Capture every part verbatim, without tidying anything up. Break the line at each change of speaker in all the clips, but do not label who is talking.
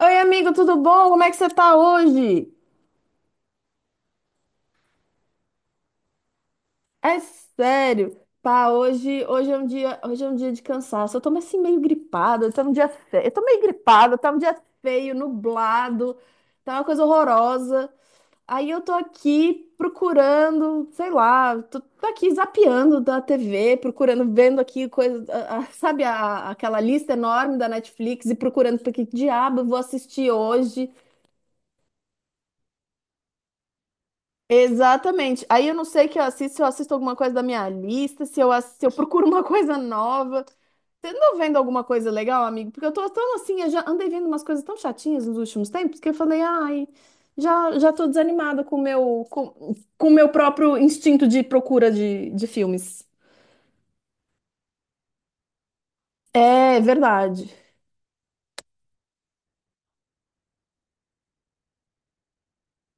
Oi, amigo, tudo bom? Como é que você tá hoje? É sério. Pá, hoje, hoje é um dia, hoje é um dia de cansaço. Eu tô assim meio gripada, tá um dia feio. Eu tô meio gripada, tá um dia feio, nublado, tá uma coisa horrorosa. Aí eu tô aqui procurando, sei lá, tô, tô aqui zapeando da T V, procurando, vendo aqui coisa, a- a- sabe, a- aquela lista enorme da Netflix e procurando pra que diabo eu vou assistir hoje. Exatamente. Aí eu não sei que eu assisto, se eu assisto alguma coisa da minha lista, se eu, ass- se eu procuro uma coisa nova. Você andou vendo alguma coisa legal, amigo? Porque eu tô tão assim, eu já andei vendo umas coisas tão chatinhas nos últimos tempos que eu falei, ai, já, já tô desanimada com o meu, com, com o meu próprio instinto de procura de, de filmes. É verdade.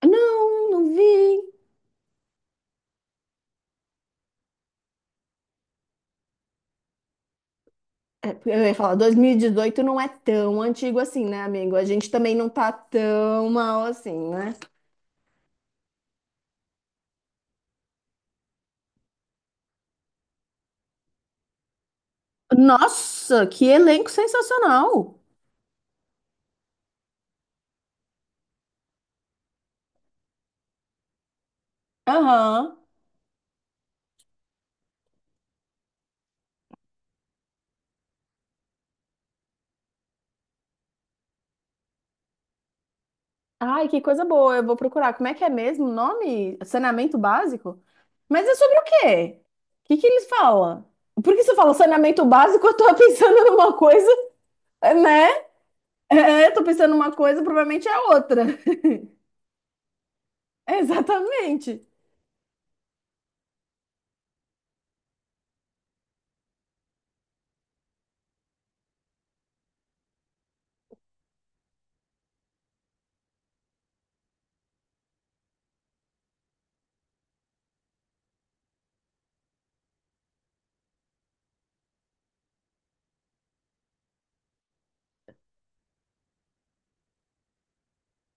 Não, não vi. É, eu ia falar, dois mil e dezoito não é tão antigo assim, né, amigo? A gente também não tá tão mal assim, né? Nossa, que elenco sensacional! Aham. Ai, que coisa boa. Eu vou procurar. Como é que é mesmo o nome? Saneamento básico? Mas é sobre o quê? O que que eles falam? Porque você fala saneamento básico, eu tô pensando numa coisa, né? É, é, eu tô pensando numa coisa, provavelmente é outra. Exatamente.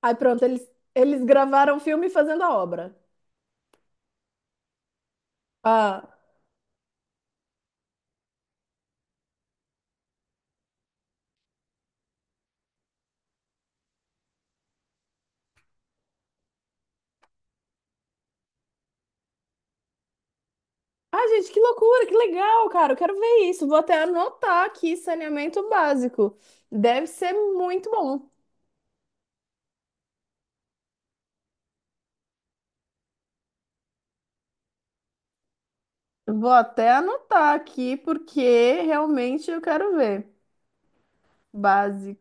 Aí pronto, eles, eles gravaram o filme fazendo a obra. Ah. Ah, gente, que loucura, que legal, cara. Eu quero ver isso. Vou até anotar aqui saneamento básico. Deve ser muito bom. Vou até anotar aqui porque realmente eu quero ver. Básico.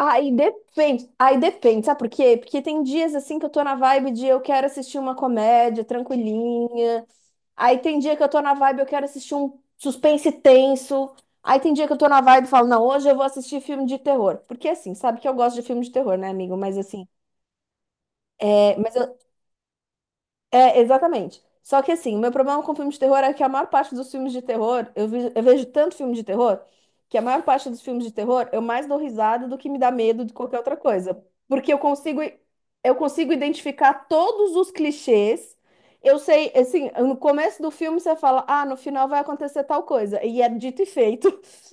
Aí depende, aí depende, sabe por quê? Porque tem dias assim que eu tô na vibe de eu quero assistir uma comédia tranquilinha. Aí tem dia que eu tô na vibe eu quero assistir um suspense tenso. Aí tem dia que eu tô na vibe e falo, não, hoje eu vou assistir filme de terror. Porque assim, sabe que eu gosto de filme de terror, né, amigo? Mas assim, é, Mas eu- é, exatamente. Só que assim, o meu problema com filmes de terror é que a maior parte dos filmes de terror, eu, vi- eu vejo tanto filme de terror, que a maior parte dos filmes de terror eu mais dou risada do que me dá medo de qualquer outra coisa. Porque eu consigo, i- Eu consigo identificar todos os clichês. Eu sei, assim, no começo do filme você fala, ah, no final vai acontecer tal coisa. E é dito e feito.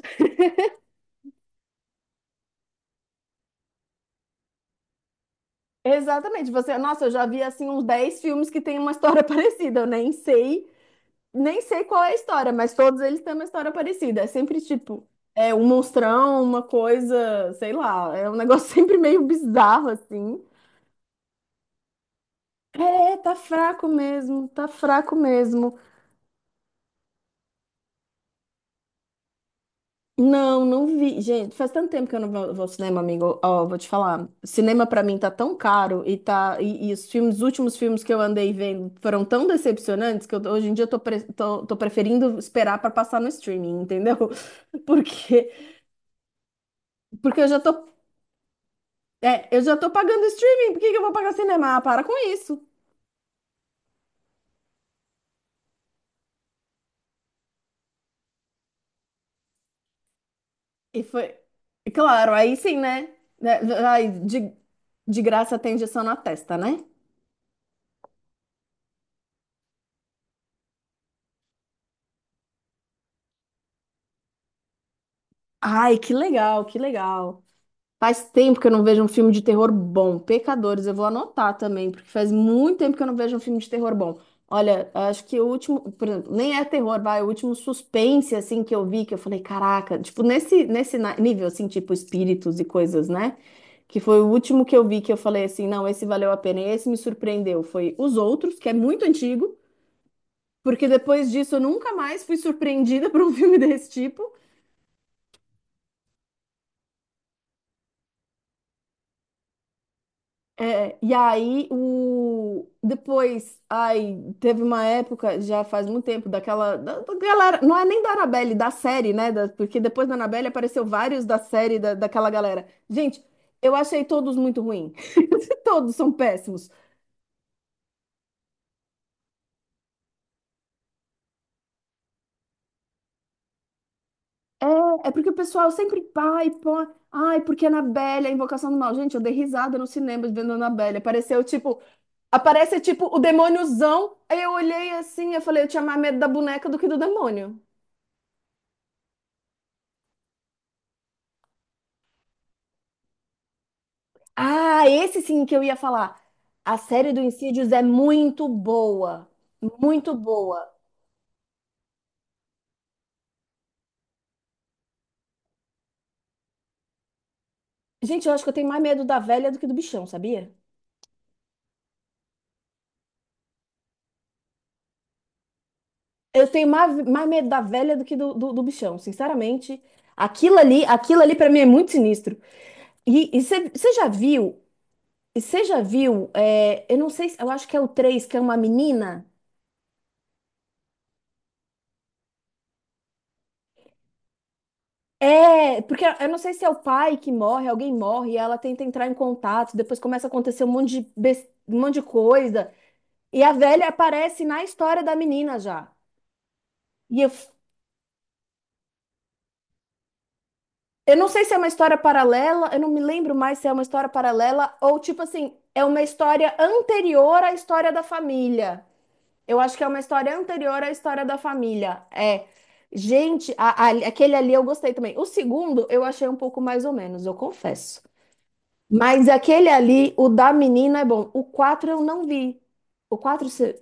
Exatamente. Você, nossa, eu já vi assim uns dez filmes que tem uma história parecida, eu nem sei. Nem sei qual é a história, mas todos eles têm uma história parecida. É sempre tipo, é um monstrão, uma coisa, sei lá, é um negócio sempre meio bizarro assim. É, tá fraco mesmo, tá fraco mesmo. Não, não vi. Gente, faz tanto tempo que eu não vou vou ao cinema, amigo. Ó, vou te falar. Cinema pra mim tá tão caro e tá e, e os filmes, os últimos filmes que eu andei vendo foram tão decepcionantes que eu- hoje em dia eu tô, pre- tô, tô preferindo esperar pra passar no streaming, entendeu? Porque porque eu já tô É, eu já tô pagando streaming, por que que eu vou pagar cinema? Ah, para com isso. E foi. E claro, aí sim, né? Né, ai, de, de graça tem injeção na testa, né? Ai, que legal, que legal. Faz tempo que eu não vejo um filme de terror bom. Pecadores, eu vou anotar também, porque faz muito tempo que eu não vejo um filme de terror bom. Olha, acho que o último, por exemplo, nem é terror, vai, o último suspense assim que eu vi, que eu falei, caraca, tipo nesse nesse na- nível assim, tipo espíritos e coisas, né? Que foi o último que eu vi que eu falei assim, não, esse valeu a pena, e esse me surpreendeu. Foi Os Outros, que é muito antigo, porque depois disso eu nunca mais fui surpreendida por um filme desse tipo. É, e aí o depois, aí teve uma época, já faz muito tempo, daquela da, da galera, não é nem da Annabelle, da série, né? Da- porque depois da Annabelle apareceu vários da série da, daquela galera. Gente, eu achei todos muito ruim. Todos são péssimos. É, é porque o pessoal sempre, pai, pô, ai, porque Annabelle, a invocação do mal. Gente, eu dei risada no cinema vendo Annabelle. Apareceu tipo, aparece tipo o demôniozão. Aí eu olhei assim, eu falei, eu tinha mais medo da boneca do que do demônio. Ah, esse sim que eu ia falar. A série do Insidious é muito boa. Muito boa. Gente, eu acho que eu tenho mais medo da velha do que do bichão, sabia? Eu tenho mais, mais medo da velha do que do, do, do bichão, sinceramente. Aquilo ali, aquilo ali para mim é muito sinistro. E você já viu? Você já viu? É, eu não sei, se- eu acho que é o três que é uma menina. É, porque eu não sei se é o pai que morre, alguém morre, e ela tenta entrar em contato, depois começa a acontecer um monte de, bes- um monte de coisa. E a velha aparece na história da menina já. E eu, f- eu não sei se é uma história paralela, eu não me lembro mais se é uma história paralela ou tipo assim, é uma história anterior à história da família. Eu acho que é uma história anterior à história da família. É. Gente, a- a- aquele ali eu gostei também. O segundo eu achei um pouco mais ou menos, eu confesso. Mas aquele ali, o da menina é bom. O quatro eu não vi. O quatro. Se-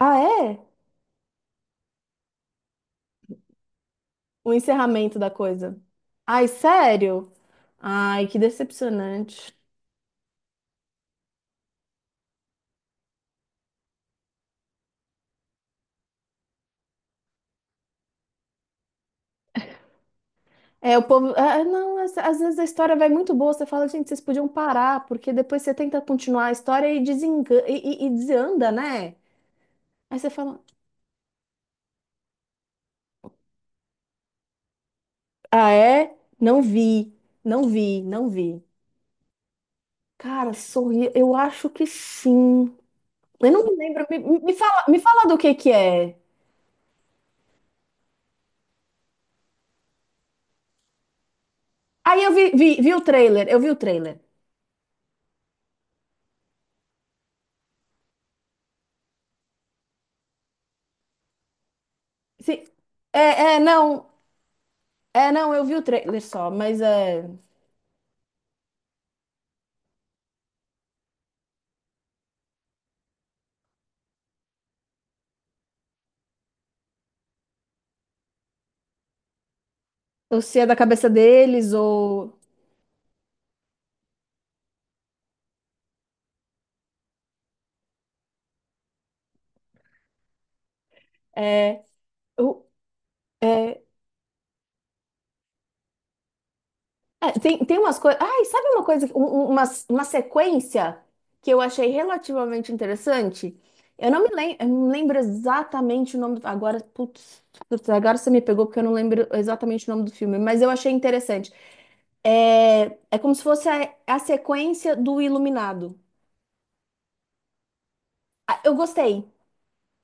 Ah, é? O encerramento da coisa. Ai, sério? Ai, que decepcionante. É, o povo. Ah, ah, não, às, às vezes a história vai muito boa. Você fala, gente, vocês podiam parar, porque depois você tenta continuar a história e, desenga... e, e- e desanda, né? Aí você fala, ah, é? Não vi, não vi, não vi. Cara, sorri, eu acho que sim. Eu não me lembro. Me, me- me fala, me fala do que que é. Aí eu vi, vi, vi o trailer, eu vi o trailer. Se- É, é, não. É, não, eu vi o trailer só, mas é. Ou se é da cabeça deles, ou. É, o- é, é, tem, tem umas coisas. Ai, sabe uma coisa, um- um- uma, uma sequência que eu achei relativamente interessante? Eu não me lem, eu não lembro exatamente o nome. do- Agora, putz, putz, agora você me pegou porque eu não lembro exatamente o nome do filme, mas eu achei interessante. É, é como se fosse a, a sequência do Iluminado. Ah, eu gostei.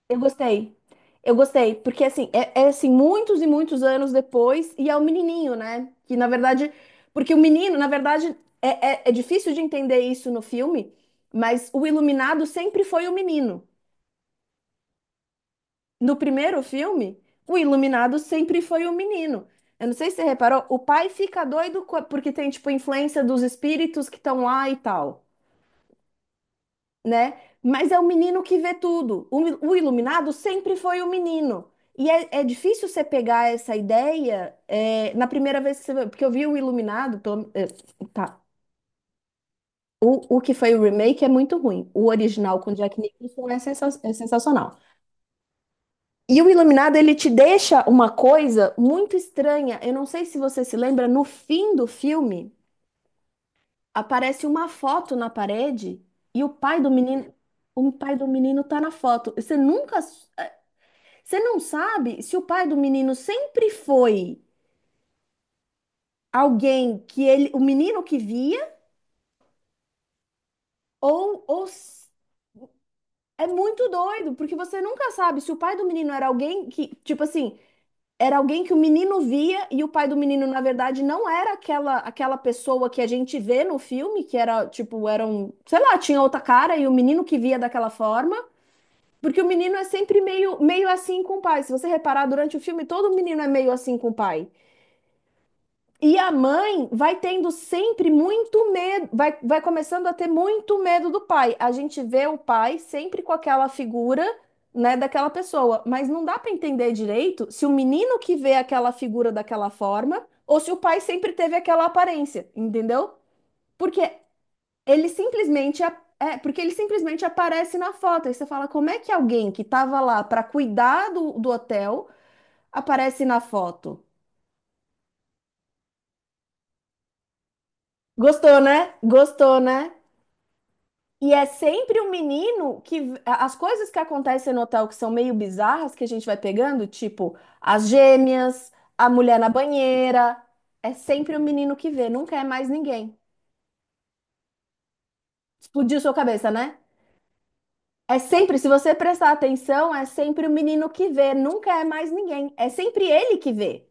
Eu gostei. Eu gostei, porque assim, é, é, assim, muitos e muitos anos depois, e é o menininho, né? Que na verdade, porque o menino, na verdade, é, é, é difícil de entender isso no filme, mas o iluminado sempre foi o menino. No primeiro filme, o iluminado sempre foi o menino. Eu não sei se você reparou, o pai fica doido co- porque tem, tipo, influência dos espíritos que estão lá e tal, né? Mas é o menino que vê tudo. O, mi- O iluminado sempre foi o menino. E é, é difícil você pegar essa ideia é, na primeira vez que você vê, porque eu vi o Iluminado, pelo- é, tá. O, o que foi o remake é muito ruim. O original com Jack Nicholson é, sensa- é sensacional. E o Iluminado, ele te deixa uma coisa muito estranha. Eu não sei se você se lembra, no fim do filme, aparece uma foto na parede e o pai do menino, o pai do menino tá na foto. Você nunca você não sabe se o pai do menino sempre foi alguém que ele, o menino que via, ou, ou s- é muito doido, porque você nunca sabe se o pai do menino era alguém que, tipo assim, era alguém que o menino via e o pai do menino, na verdade, não era aquela aquela pessoa que a gente vê no filme, que era, tipo, era um, sei lá, tinha outra cara e o menino que via daquela forma. Porque o menino é sempre meio, meio assim com o pai. Se você reparar, durante o filme, todo menino é meio assim com o pai. E a mãe vai tendo sempre muito medo, vai, vai começando a ter muito medo do pai. A gente vê o pai sempre com aquela figura, né, daquela pessoa, mas não dá para entender direito se o menino que vê aquela figura daquela forma ou se o pai sempre teve aquela aparência, entendeu? Porque ele simplesmente a- é, Porque ele simplesmente aparece na foto. Aí você fala, como é que alguém que estava lá para cuidar do, do hotel aparece na foto? Gostou, né? Gostou, né? E é sempre um menino que as coisas que acontecem no hotel que são meio bizarras que a gente vai pegando, tipo as gêmeas, a mulher na banheira, é sempre o menino que vê, nunca é mais ninguém. Explodiu sua cabeça, né? É sempre, se você prestar atenção, é sempre o menino que vê, nunca é mais ninguém. É sempre ele que vê.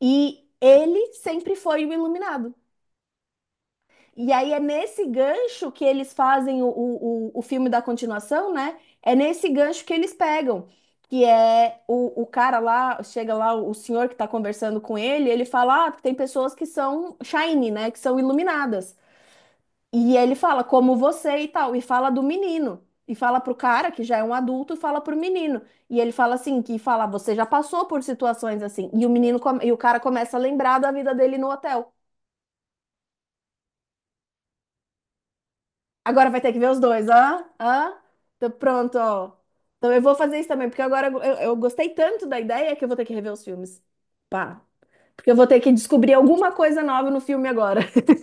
E ele sempre foi o iluminado. E aí é nesse gancho que eles fazem o, o, o o filme da continuação, né? É nesse gancho que eles pegam. Que é o, o cara lá, chega lá, o senhor que tá conversando com ele, ele fala: Ah, tem pessoas que são shiny, né? Que são iluminadas. E ele fala, como você e tal, e fala do menino. E fala pro cara, que já é um adulto, e fala pro menino. E ele fala assim, que fala, você já passou por situações assim. E o menino, come- e o cara começa a lembrar da vida dele no hotel. Agora vai ter que ver os dois, hã? Hã? Tô pronto, ó. Então eu vou fazer isso também, porque agora eu, eu gostei tanto da ideia que eu vou ter que rever os filmes. Pá. Porque eu vou ter que descobrir alguma coisa nova no filme agora.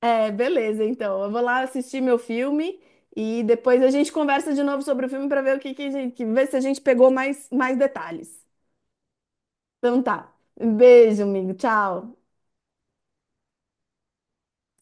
É, beleza, então. Eu vou lá assistir meu filme e depois a gente conversa de novo sobre o filme para ver o que, que, a gente- que ver se a gente pegou mais, mais detalhes. Então tá. Um beijo, amigo. Tchau.